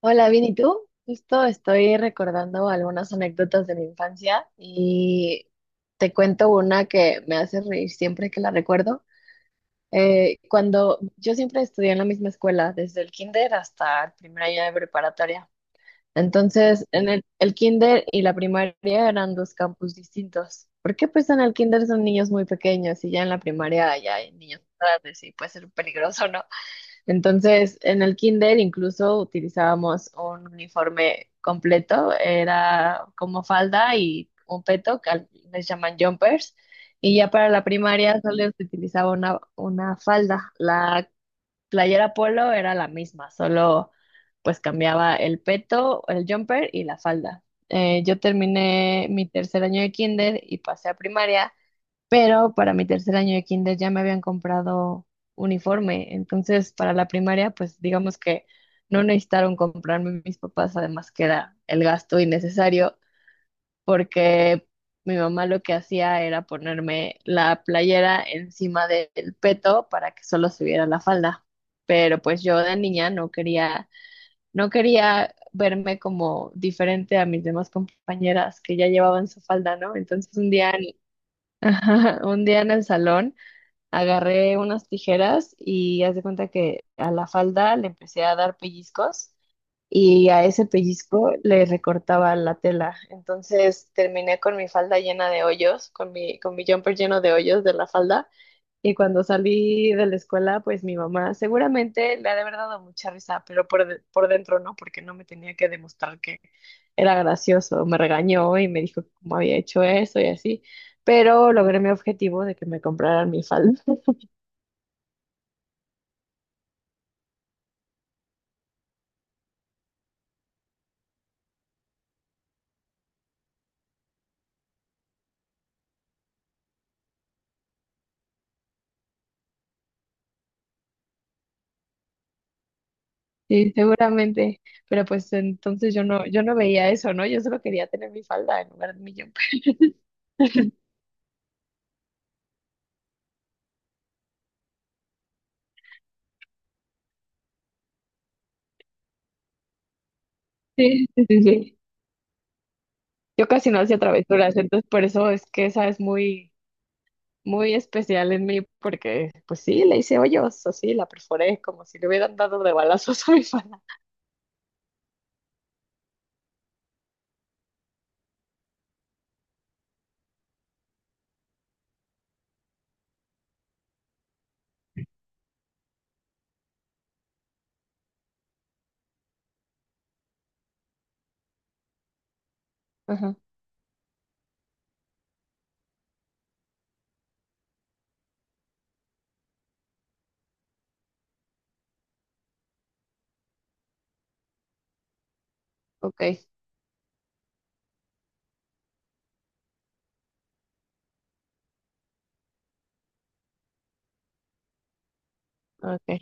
Hola, bien, ¿y tú? Justo estoy recordando algunas anécdotas de mi infancia y te cuento una que me hace reír siempre que la recuerdo. Cuando yo siempre estudié en la misma escuela, desde el kinder hasta el primer año de preparatoria. Entonces, en el kinder y la primaria eran dos campus distintos. Porque pues en el kinder son niños muy pequeños y ya en la primaria ya hay niños grandes y puede ser peligroso, ¿no? Entonces, en el kinder incluso utilizábamos un uniforme completo, era como falda y un peto, que les llaman jumpers, y ya para la primaria solo se utilizaba una falda. La playera polo era la misma, solo pues cambiaba el peto, el jumper y la falda. Yo terminé mi tercer año de kinder y pasé a primaria. Pero para mi tercer año de kinder ya me habían comprado uniforme. Entonces, para la primaria, pues digamos que no necesitaron comprarme mis papás, además que era el gasto innecesario, porque mi mamá lo que hacía era ponerme la playera encima del peto para que solo se viera la falda. Pero pues yo de niña no quería, no quería verme como diferente a mis demás compañeras que ya llevaban su falda, ¿no? Entonces ajá, un día en el salón agarré unas tijeras y haz de cuenta que a la falda le empecé a dar pellizcos y a ese pellizco le recortaba la tela. Entonces terminé con mi falda llena de hoyos, con mi jumper lleno de hoyos de la falda. Y cuando salí de la escuela, pues mi mamá seguramente le ha de haber dado mucha risa, pero por dentro no, porque no me tenía que demostrar que era gracioso. Me regañó y me dijo cómo había hecho eso y así. Pero logré mi objetivo de que me compraran mi falda. Sí, seguramente, pero pues entonces yo no veía eso, ¿no? Yo solo quería tener mi falda en lugar de mi jumper. Sí, sí, sí, sí. Yo casi no hacía travesuras, entonces por eso es que esa es muy, muy especial en mí, porque pues sí, le hice hoyos, así, la perforé, como si le hubieran dado de balazos a mi falda. Ajá, ok, ok,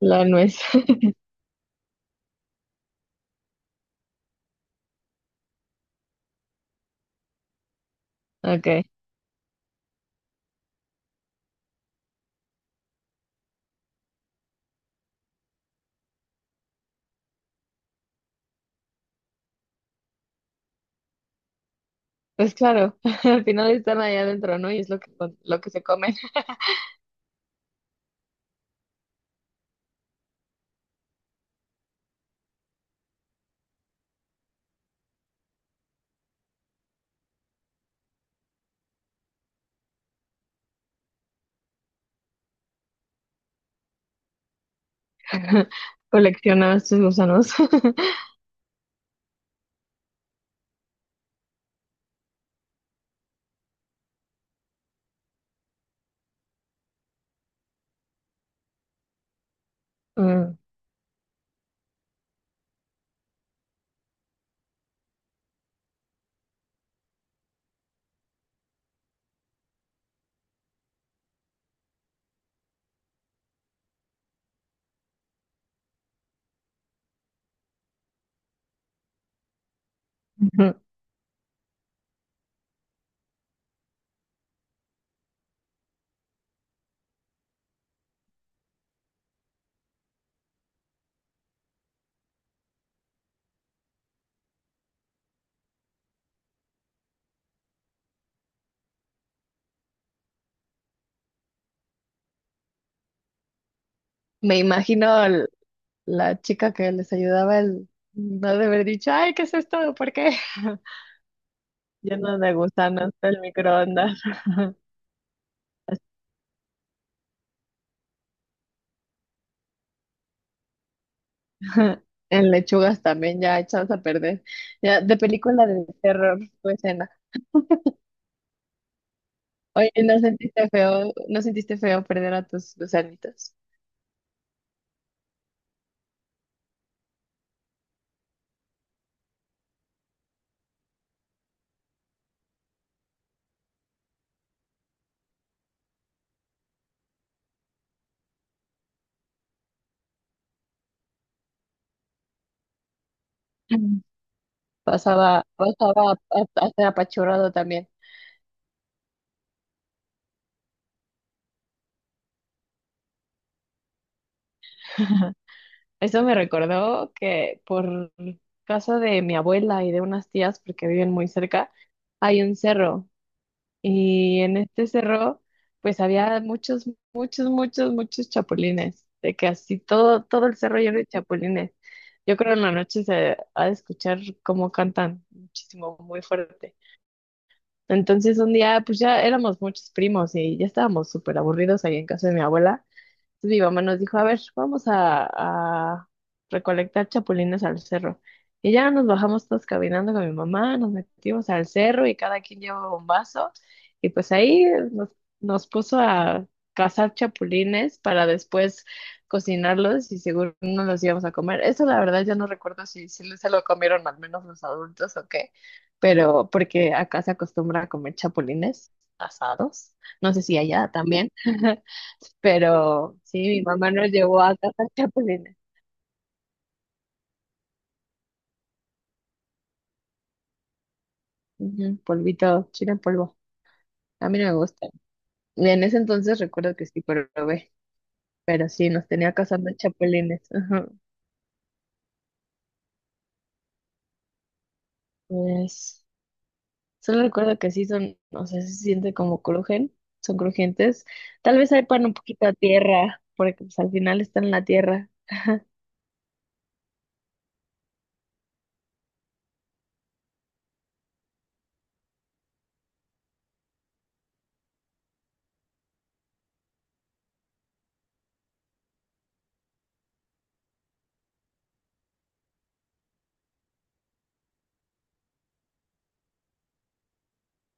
la nuez, ok. Pues claro, al final están allá adentro, ¿no? Y es lo que se comen. Colecciona sus gusanos. Mm. Me imagino la chica que les ayudaba el no de haber dicho, ay, ¿qué es esto? ¿Por qué? Lleno de gusanos el microondas. En lechugas también ya echadas a perder. Ya, de película de terror, tu escena. Oye, ¿no sentiste feo, no sentiste feo perder a tus gusanitos? Mm. Pasaba, pasaba a ser apachurrado también. Eso me recordó que por casa de mi abuela y de unas tías, porque viven muy cerca, hay un cerro. Y en este cerro, pues había muchos, muchos, muchos, muchos chapulines. De que así todo, todo el cerro lleno de chapulines. Yo creo en la noche se ha de escuchar cómo cantan muchísimo, muy fuerte. Entonces un día, pues ya éramos muchos primos y ya estábamos súper aburridos ahí en casa de mi abuela. Entonces mi mamá nos dijo, a ver, vamos a recolectar chapulines al cerro. Y ya nos bajamos todos caminando con mi mamá, nos metimos al cerro y cada quien llevaba un vaso. Y pues ahí nos, nos puso a cazar chapulines para después cocinarlos y seguro no los íbamos a comer. Eso la verdad yo no recuerdo si, si se lo comieron al menos los adultos o qué, pero porque acá se acostumbra a comer chapulines asados. No sé si allá también. Pero sí, mi mamá nos llevó a cazar chapulines. Ujú, polvito, chile en polvo. A mí no me gusta. Y en ese entonces recuerdo que sí probé, pero sí, nos tenía cazando chapulines. Ajá. Pues solo recuerdo que sí son, o sea, sí se siente como crujen, son crujientes. Tal vez hay pan un poquito a tierra, porque pues, al final están en la tierra.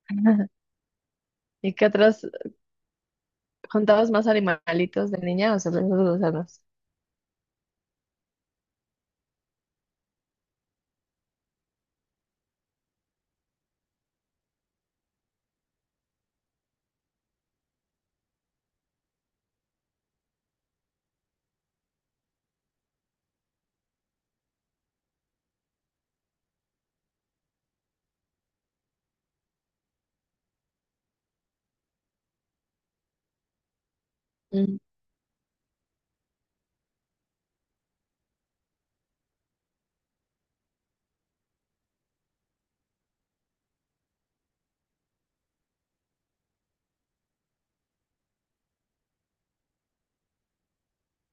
¿Y qué otros? ¿Contabas más animalitos de niña o solo esos dos? Mm,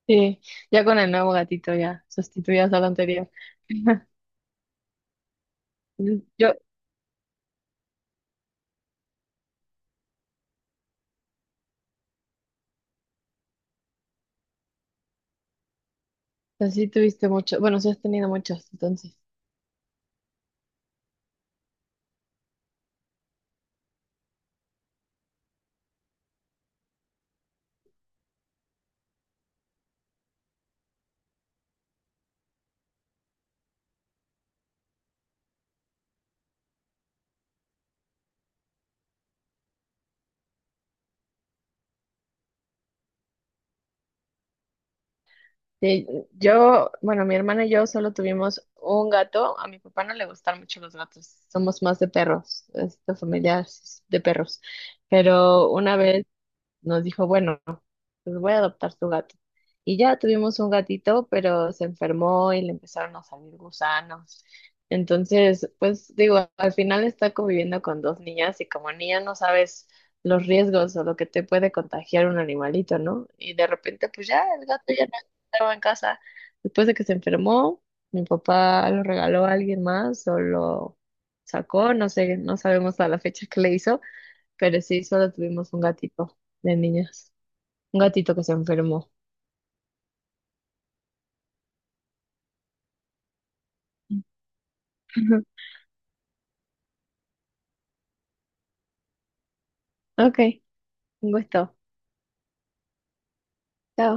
sí, ya con el nuevo gatito ya sustituías al anterior. Mm, yo, así tuviste mucho, bueno, sí has tenido muchos, entonces. Sí, yo, bueno, mi hermana y yo solo tuvimos un gato. A mi papá no le gustan mucho los gatos. Somos más de perros. Esta familia es de perros. Pero una vez nos dijo, bueno, pues voy a adoptar su gato. Y ya tuvimos un gatito, pero se enfermó y le empezaron a salir gusanos. Entonces, pues digo, al final está conviviendo con dos niñas y como niña no sabes los riesgos o lo que te puede contagiar un animalito, ¿no? Y de repente, pues ya el gato ya no estaba en casa. Después de que se enfermó, mi papá lo regaló a alguien más o lo sacó, no sé, no sabemos a la fecha que le hizo, pero sí, solo tuvimos un gatito de niñas. Un gatito que se enfermó. Ok, un gusto. Chao.